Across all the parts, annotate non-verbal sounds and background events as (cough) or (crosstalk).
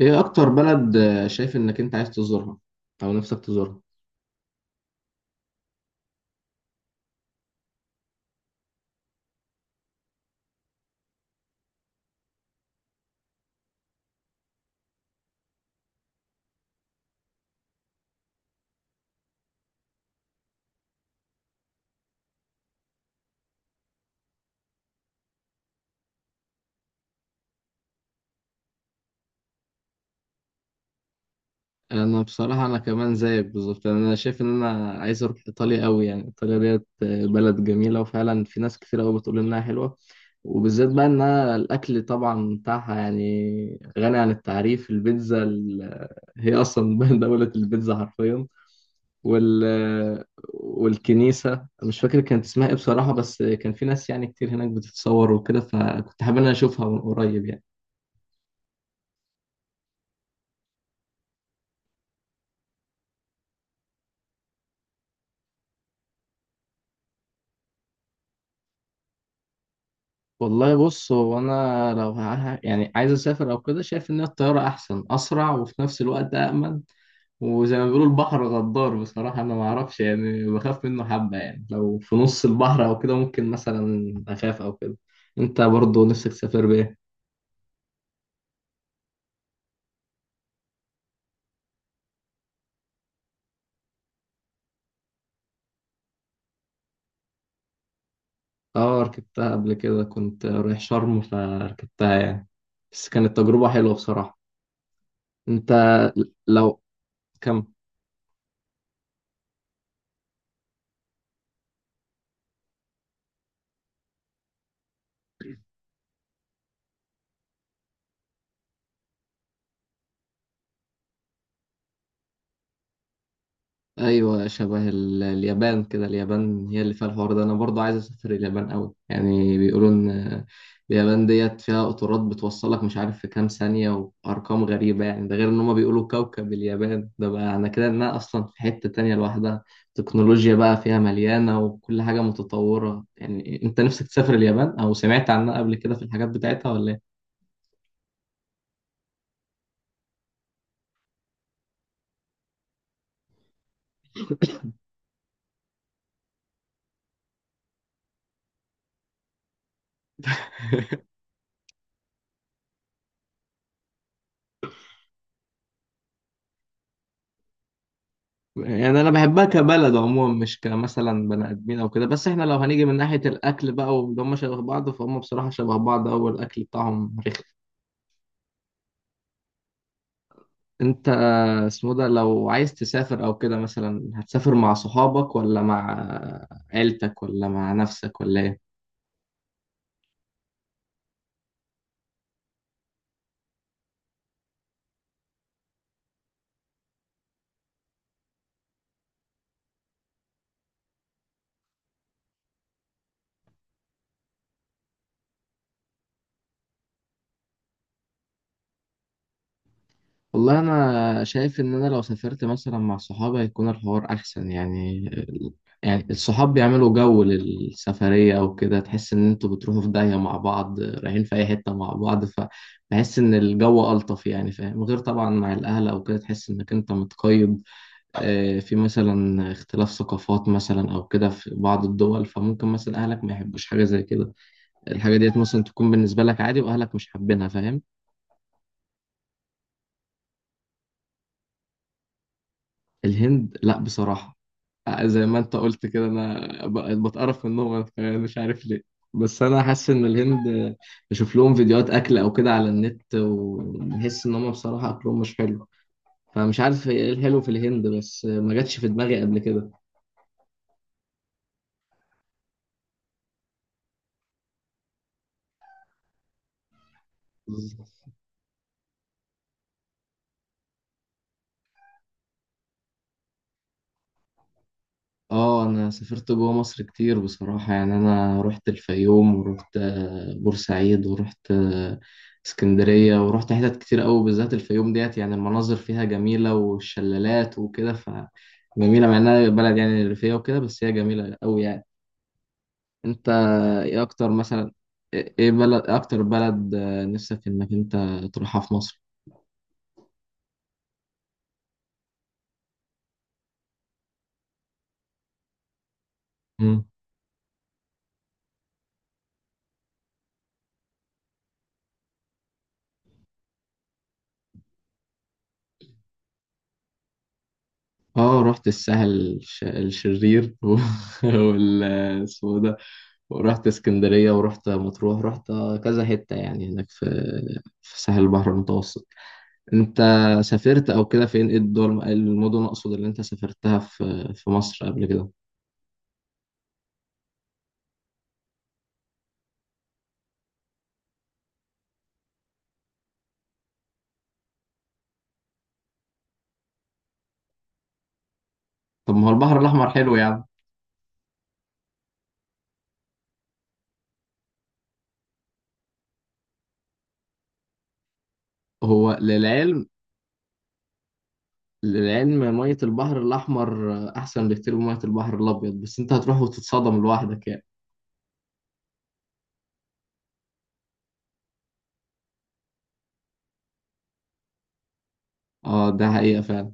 ايه اكتر بلد شايف انك انت عايز تزورها او نفسك تزورها. انا بصراحه انا كمان زيك بالظبط، يعني انا شايف ان انا عايز اروح ايطاليا قوي. يعني ايطاليا ديت بلد جميله، وفعلا في ناس كتير قوي بتقول انها حلوه. وبالذات بقى انها الاكل طبعا بتاعها يعني غني عن التعريف. البيتزا هي اصلا (laughs) دوله البيتزا حرفيا. وال والكنيسه مش فاكر كانت اسمها ايه بصراحه، بس كان في ناس يعني كتير هناك بتتصور وكده، فكنت حابب ان انا اشوفها من قريب يعني. والله بص، هو انا لو يعني عايز اسافر او كده، شايف ان الطياره احسن، اسرع، وفي نفس الوقت امن. وزي ما بيقولوا البحر غدار. بصراحه انا ما اعرفش، يعني بخاف منه حبه، يعني لو في نص البحر او كده ممكن مثلا اخاف او كده. انت برضو نفسك تسافر بايه؟ اه، ركبتها قبل كده، كنت رايح شرم فركبتها يعني. بس كانت تجربه حلوه بصراحه. انت. لو. كمل. ايوه، شبه اليابان كده. اليابان هي اللي فيها الحوار ده. انا برضو عايز اسافر اليابان قوي، يعني بيقولوا ان اليابان ديت فيها قطارات بتوصلك مش عارف في كام ثانية وارقام غريبة، يعني ده غير ان هما بيقولوا كوكب اليابان ده بقى، انا كده انها اصلا في حتة تانية لوحدها، تكنولوجيا بقى فيها مليانة وكل حاجة متطورة يعني. انت نفسك تسافر اليابان او سمعت عنها قبل كده في الحاجات بتاعتها ولا؟ يعني انا بحبها كبلد عموما، مش كمثلا بني ادمين او كده. بس احنا لو هنيجي من ناحيه الاكل بقى، وان هم شبه بعض، فهم بصراحه شبه بعض، او الاكل بتاعهم رخم. انت. اسمه ده، لو عايز تسافر او كده مثلا هتسافر مع صحابك ولا مع عيلتك ولا مع نفسك ولا ايه؟ والله انا شايف ان انا لو سافرت مثلا مع صحابي هيكون الحوار احسن يعني الصحاب بيعملوا جو للسفرية او كده، تحس ان انتوا بتروحوا في داهية مع بعض، رايحين في اي حتة مع بعض. فبحس ان الجو الطف يعني، فاهم، غير طبعا مع الاهل او كده تحس انك انت متقيد. في مثلا اختلاف ثقافات مثلا او كده في بعض الدول، فممكن مثلا اهلك ما يحبوش حاجة زي كده. الحاجة ديت مثلا تكون بالنسبة لك عادي، واهلك مش حابينها، فاهم. الهند لا بصراحة. زي ما انت قلت كده انا بقيت بتقرف منهم، انا كمان مش عارف ليه. بس انا حاسس ان الهند، بشوف لهم فيديوهات اكل او كده على النت، وبحس ان هم بصراحة اكلهم مش حلو. فمش عارف ايه الحلو في الهند، بس ما جاتش في دماغي قبل كده. اه، انا سافرت جوه مصر كتير بصراحة. يعني انا رحت الفيوم، ورحت بورسعيد، ورحت اسكندرية، ورحت حتت كتير قوي. بالذات الفيوم ديت يعني المناظر فيها جميلة والشلالات وكده، ف جميلة مع انها بلد يعني ريفية وكده، بس هي جميلة قوي يعني. انت. ايه اكتر مثلا ايه بلد إيه اكتر بلد نفسك انك انت تروحها في مصر؟ مم. اه، رحت الساحل الشرير (laughs) وال اسمه إيه ده؟ ورحت اسكندرية ورحت مطروح، رحت كذا حتة يعني هناك في ساحل البحر المتوسط. انت سافرت او كده فين؟ ايه الدول إيه المدن اقصد اللي انت سافرتها في مصر قبل كده؟ طب ما هو البحر الاحمر حلو يعني. هو للعلم مية البحر الاحمر احسن بكتير من مية البحر الابيض، بس انت هتروح وتتصدم لوحدك يعني. اه، ده حقيقة فعلا.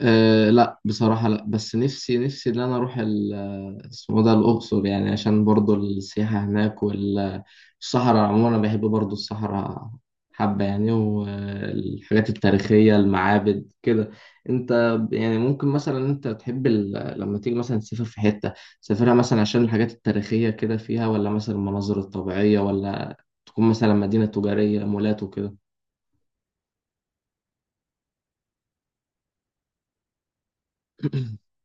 أه لا، بصراحة لا. بس نفسي إن أنا أروح اسمه ده، الأقصر يعني، عشان برضو السياحة هناك والصحراء. عموما أنا بحب برضو الصحراء حبة يعني، والحاجات التاريخية، المعابد كده. أنت. يعني ممكن مثلا أنت تحب لما تيجي مثلا تسافر في حتة، تسافرها مثلا عشان الحاجات التاريخية كده فيها، ولا مثلا المناظر الطبيعية، ولا تكون مثلا مدينة تجارية، مولات وكده؟ (clears throat)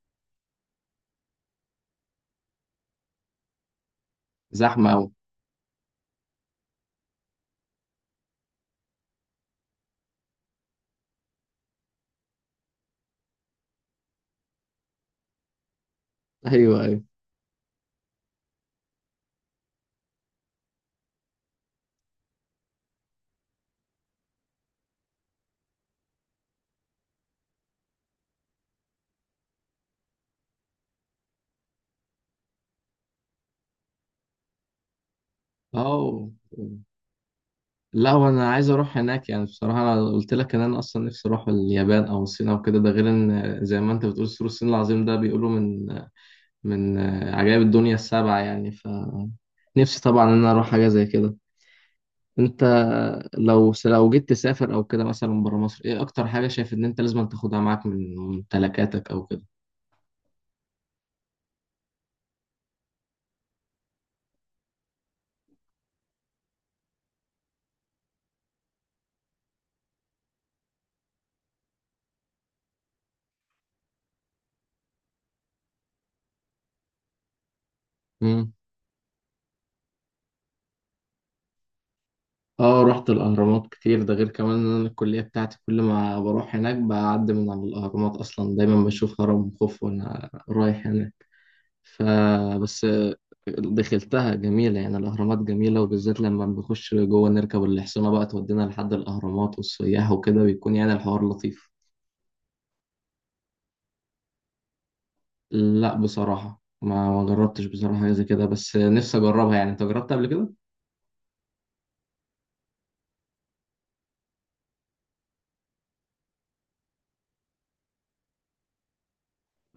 زحمة أوي. أيوه أيوه. أه، لا وانا عايز اروح هناك يعني. بصراحه انا قلت لك ان انا اصلا نفسي اروح اليابان او الصين او كده. ده غير ان زي ما انت بتقول سور الصين العظيم ده بيقولوا من عجائب الدنيا السبعه يعني، فنفسي طبعا ان انا اروح حاجه زي كده. انت. لو جيت تسافر او كده مثلا بره مصر، ايه اكتر حاجه شايف ان انت لازم تاخدها معاك من ممتلكاتك او كده؟ مم. اه، رحت الاهرامات كتير. ده غير كمان ان انا الكليه بتاعتي كل ما بروح هناك بعدي من على الاهرامات، اصلا دايما بشوف هرم خوف وانا رايح هناك، فبس. دخلتها جميلة يعني، الأهرامات جميلة، وبالذات لما بنخش جوه نركب الحصينة بقى تودينا لحد الأهرامات، والسياح وكده بيكون يعني الحوار لطيف. لا بصراحة، ما جربتش بصراحة حاجة زي كده، بس نفسي أجربها يعني. أنت جربت قبل كده؟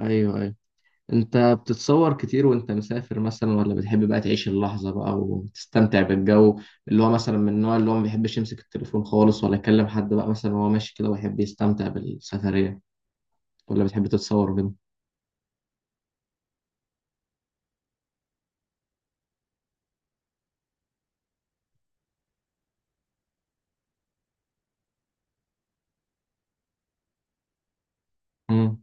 أيوه أيوه. أنت بتتصور كتير وأنت مسافر مثلا، ولا بتحب بقى تعيش اللحظة بقى وتستمتع بالجو، اللي هو مثلا من النوع اللي هو ما بيحبش يمسك التليفون خالص ولا يكلم حد بقى مثلا وهو ماشي كده ويحب يستمتع بالسفرية، ولا بتحب تتصور كده؟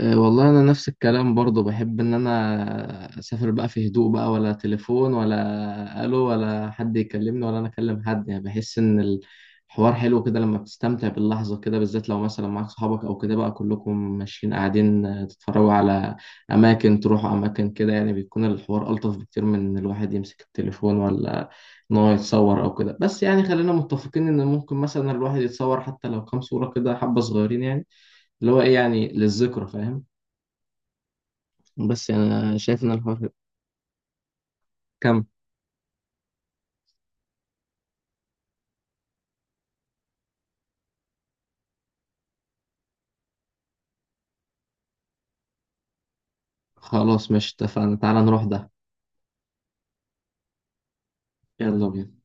أه، والله انا نفس الكلام برضو. بحب ان انا اسافر بقى في هدوء بقى، ولا تليفون ولا الو ولا حد يكلمني ولا انا اكلم حد. يعني بحس ان الحوار حلو كده لما بتستمتع باللحظة كده، بالذات لو مثلا معاك صحابك او كده بقى كلكم ماشيين قاعدين، تتفرجوا على اماكن، تروحوا اماكن كده، يعني بيكون الحوار الطف بكتير من ان الواحد يمسك التليفون ولا ان هو يتصور او كده. بس يعني خلينا متفقين ان ممكن مثلا الواحد يتصور حتى لو كام صورة كده حبة صغيرين يعني، اللي هو ايه يعني للذكرى، فاهم. بس يعني انا شايف ان الحوار كم خلاص، مش اتفقنا؟ تعالى نروح ده. يلا بينا.